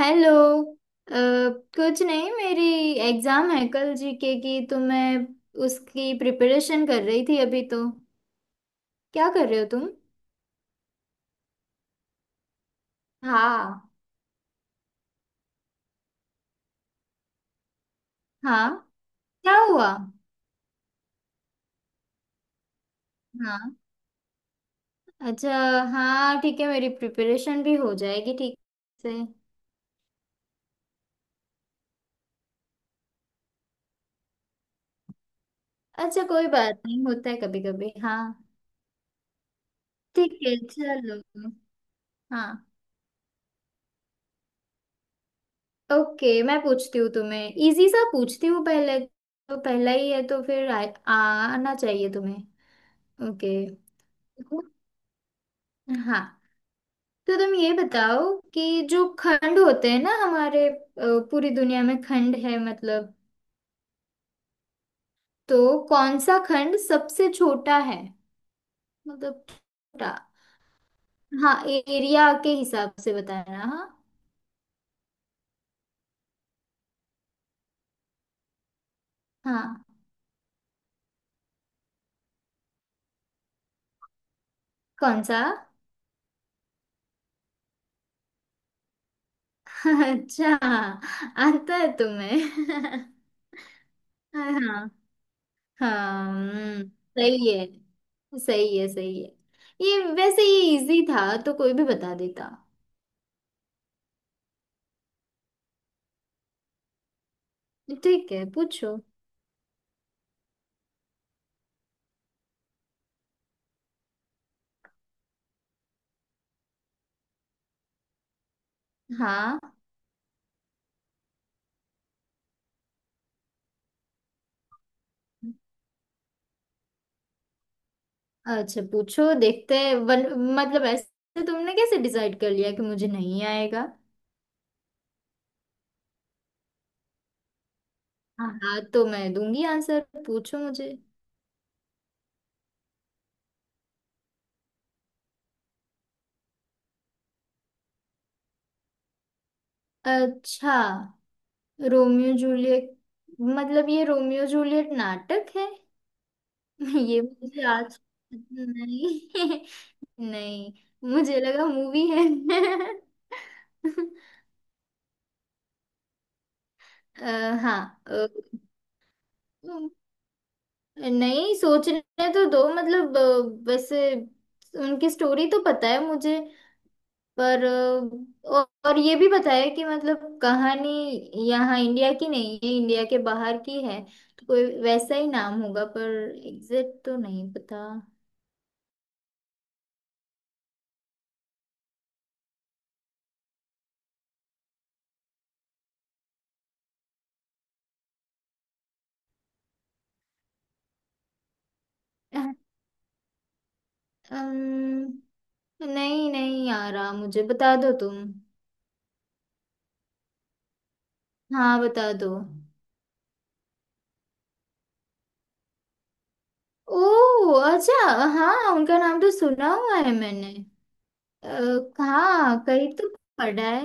Hello. अ, कुछ नहीं, मेरी एग्जाम है कल जीके की, तो मैं उसकी प्रिपरेशन कर रही थी अभी। तो क्या कर रहे हो तुम? हाँ। हाँ, क्या हुआ? हाँ। अच्छा। हाँ ठीक है, मेरी प्रिपरेशन भी हो जाएगी ठीक से। अच्छा, कोई बात नहीं, होता है कभी कभी। हाँ। ठीक है चलो। हाँ। ओके, मैं पूछती हूँ तुम्हें, इजी सा पूछती हूँ पहले, तो पहला ही है तो फिर आना चाहिए तुम्हें। ओके। हाँ, तो तुम ये बताओ कि जो खंड होते हैं ना हमारे, पूरी दुनिया में खंड है मतलब, तो कौन सा खंड सबसे छोटा है? मतलब छोटा। हाँ, एरिया के हिसाब से बताना। हाँ। हाँ, कौन सा? अच्छा, आता है तुम्हें। हाँ। हाँ। सही है। सही है, सही है। ये, वैसे ये इजी था तो कोई भी बता देता। ठीक है, पूछो। हाँ। अच्छा पूछो, देखते हैं। वन, मतलब ऐसे तुमने कैसे डिसाइड कर लिया कि मुझे नहीं आएगा? हाँ। हाँ, तो मैं दूंगी आंसर, पूछो मुझे। अच्छा, रोमियो जूलियट। मतलब ये रोमियो जूलियट नाटक है? ये मुझे आज नहीं। नहीं, मुझे लगा मूवी है। हाँ। अ, नहीं, सोचने तो दो मतलब। वैसे उनकी स्टोरी तो पता है मुझे, पर और ये भी बताया कि मतलब कहानी यहाँ इंडिया की नहीं है, इंडिया के बाहर की है, तो कोई वैसा ही नाम होगा, पर एग्जैक्ट तो नहीं पता। अम्म, नहीं, नहीं आ रहा मुझे, बता दो तुम। हाँ बता दो। ओ, अच्छा। हाँ, उनका नाम तो सुना हुआ है मैंने। अ, हाँ, कहीं तो पढ़ा है।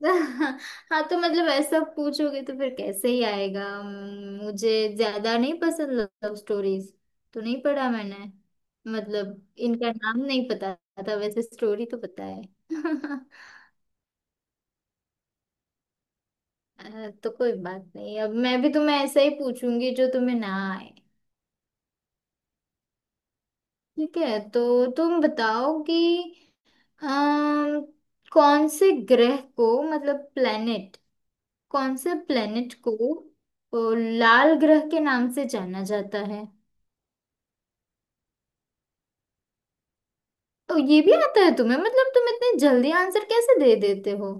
हाँ, तो मतलब ऐसा पूछोगे तो फिर कैसे ही आएगा। मुझे ज्यादा नहीं पसंद लव स्टोरीज, तो नहीं पढ़ा मैंने, मतलब इनका नाम नहीं पता था, वैसे स्टोरी तो पता है। तो कोई बात नहीं, अब मैं भी तुम्हें ऐसा ही पूछूंगी जो तुम्हें ना आए। ठीक है, तो तुम बताओ कि अम, कौन से ग्रह को, मतलब प्लेनेट, कौन से प्लेनेट को अ, लाल ग्रह के नाम से जाना जाता है? तो ये भी आता है तुम्हें? मतलब तुम इतने जल्दी आंसर कैसे दे देते हो?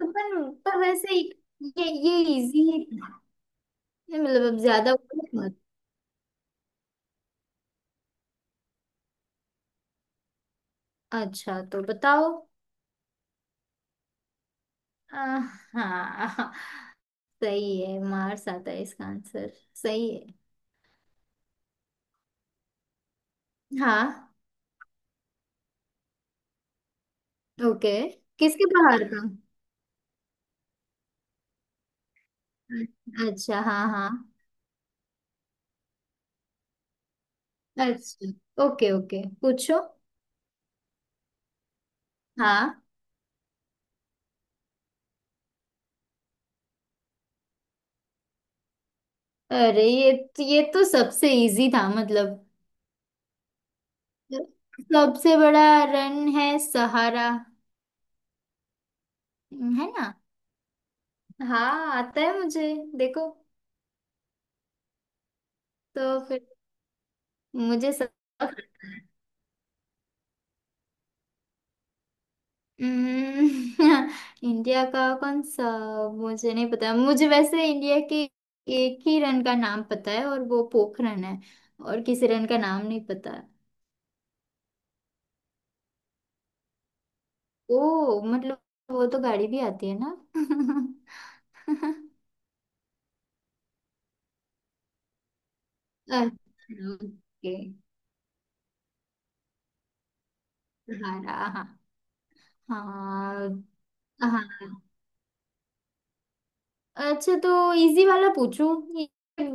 तो पर वैसे ही ये इजी है। नहीं, मतलब अब ज्यादा मत। अच्छा तो बताओ। आ, हाँ, सही है, मार्स आता है इसका आंसर। सही है। हाँ। ओके। किसके बाहर का? अच्छा हाँ, हाँ। अच्छा ओके, ओके पूछो। हाँ, अरे ये तो सबसे इजी था, मतलब सबसे बड़ा रन है सहारा, है ना? हाँ, आता है मुझे, देखो। तो फिर मुझे सब। हम्म, इंडिया का कौन सा? मुझे नहीं पता, मुझे वैसे इंडिया के एक ही रन का नाम पता है, और वो पोखरन है, और किसी रन का नाम नहीं पता। ओ मतलब, वो तो गाड़ी भी आती है ना? अच्छा ओके। सहारा। हाँ। हाँ, अच्छा तो इजी वाला पूछूं, ये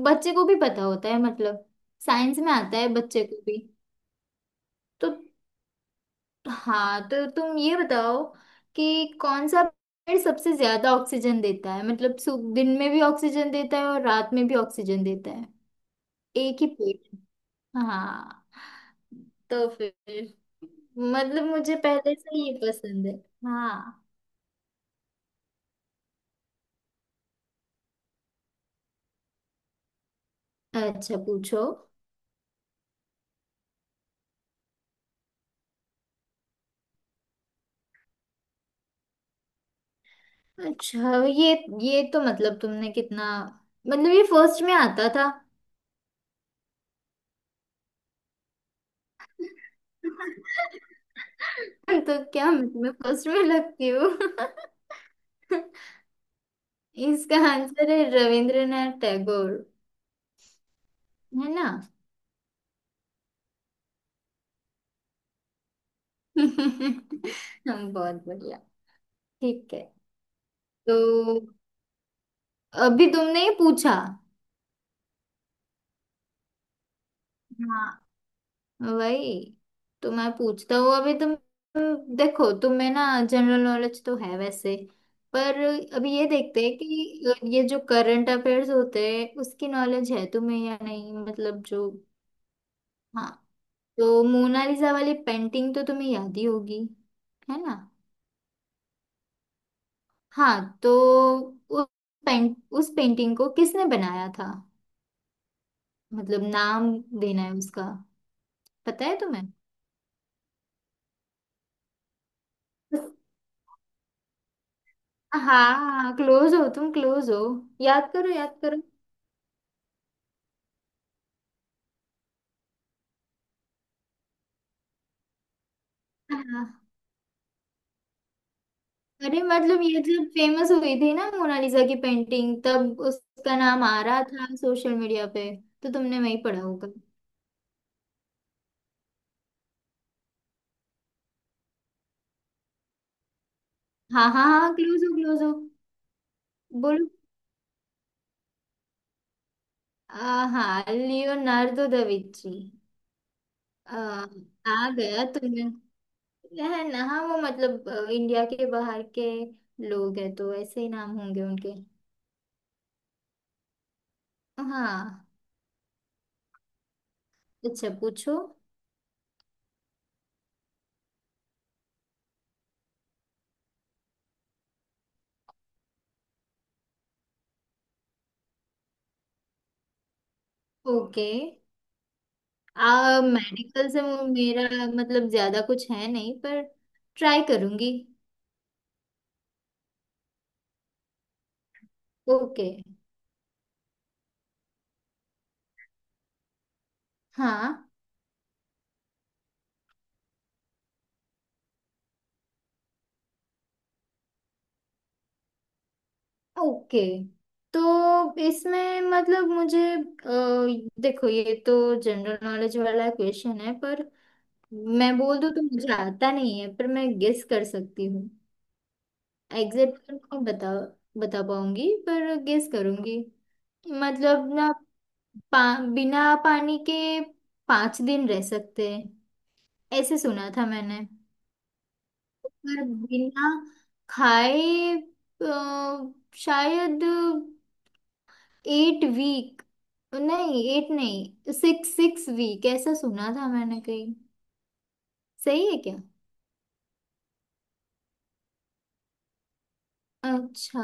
बच्चे को भी पता होता है, मतलब साइंस में आता है बच्चे को भी। तो हाँ, तो तुम ये बताओ कि कौन सा पेड़ सबसे ज्यादा ऑक्सीजन देता है, मतलब दिन में भी ऑक्सीजन देता है और रात में भी ऑक्सीजन देता है। एक ही पेड़। हाँ, तो फिर मतलब मुझे पहले से ये पसंद है। हाँ, अच्छा पूछो। अच्छा ये तो मतलब तुमने कितना, मतलब ये फर्स्ट में आता था। तो क्या मैं फर्स्ट में लगती हूँ? इसका आंसर है रविंद्रनाथ टैगोर, है ना? हम, बहुत बढ़िया। ठीक है, तो अभी तुमने ये पूछा। हाँ, वही, तो मैं पूछता हूँ अभी, तुम देखो तुम्हें ना जनरल नॉलेज तो है वैसे, पर अभी ये देखते हैं कि ये जो करंट अफेयर्स होते हैं उसकी नॉलेज है तुम्हें या नहीं, मतलब जो। हाँ, तो मोनालिसा वाली पेंटिंग तो तुम्हें याद ही होगी, है ना? हाँ, तो उस पेंट उस पेंटिंग को किसने बनाया था? मतलब नाम देना है उसका। पता है तुम्हें? हाँ क्लोज हो तुम, क्लोज हो। याद करो, याद करो। हाँ, अरे मतलब, ये जब फेमस हुई थी ना मोनालिसा की पेंटिंग, तब उसका नाम आ रहा था सोशल मीडिया पे, तो तुमने वही पढ़ा होगा। हाँ, हाँ हाँ, क्लोज हो, क्लोज हो। बोलो। हाँ, लियोनार्डो दा विंची। आ, आ गया तुमने, है ना? हाँ, वो मतलब इंडिया के बाहर के लोग हैं, तो ऐसे ही नाम होंगे उनके। हाँ, अच्छा पूछो। ओके। मेडिकल से मेरा मतलब ज्यादा कुछ है नहीं, पर ट्राई करूंगी। ओके। हाँ। ओके। तो इसमें मतलब मुझे, देखो, ये तो जनरल नॉलेज वाला क्वेश्चन है, पर मैं बोल दूं तो मुझे आता नहीं है, पर मैं गेस कर सकती हूँ। एग्जैक्ट नहीं बता बता पाऊंगी, पर गेस करूंगी। मतलब ना, बिना पानी के 5 दिन रह सकते हैं, ऐसे सुना था मैंने। पर बिना खाए, अ, शायद 8 वीक, नहीं एट नहीं, सिक्स, सिक्स वीक, ऐसा सुना था मैंने कहीं। सही है क्या? अच्छा।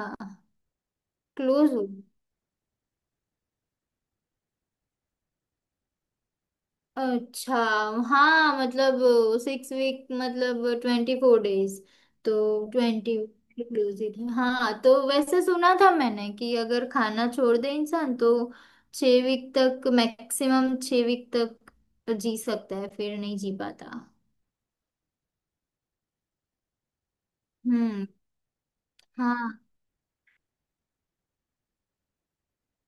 क्लोज हो। अच्छा हाँ मतलब, 6 वीक मतलब 24 डेज। तो ट्वेंटी इंक्लूसिव है, हाँ, तो वैसे सुना था मैंने कि अगर खाना छोड़ दे इंसान तो 6 वीक तक, मैक्सिमम 6 वीक तक जी सकता है, फिर नहीं जी पाता। हम्म। हाँ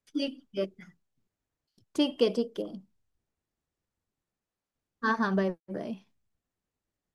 ठीक है, ठीक है, ठीक है। हाँ, हाँ, बाय बाय।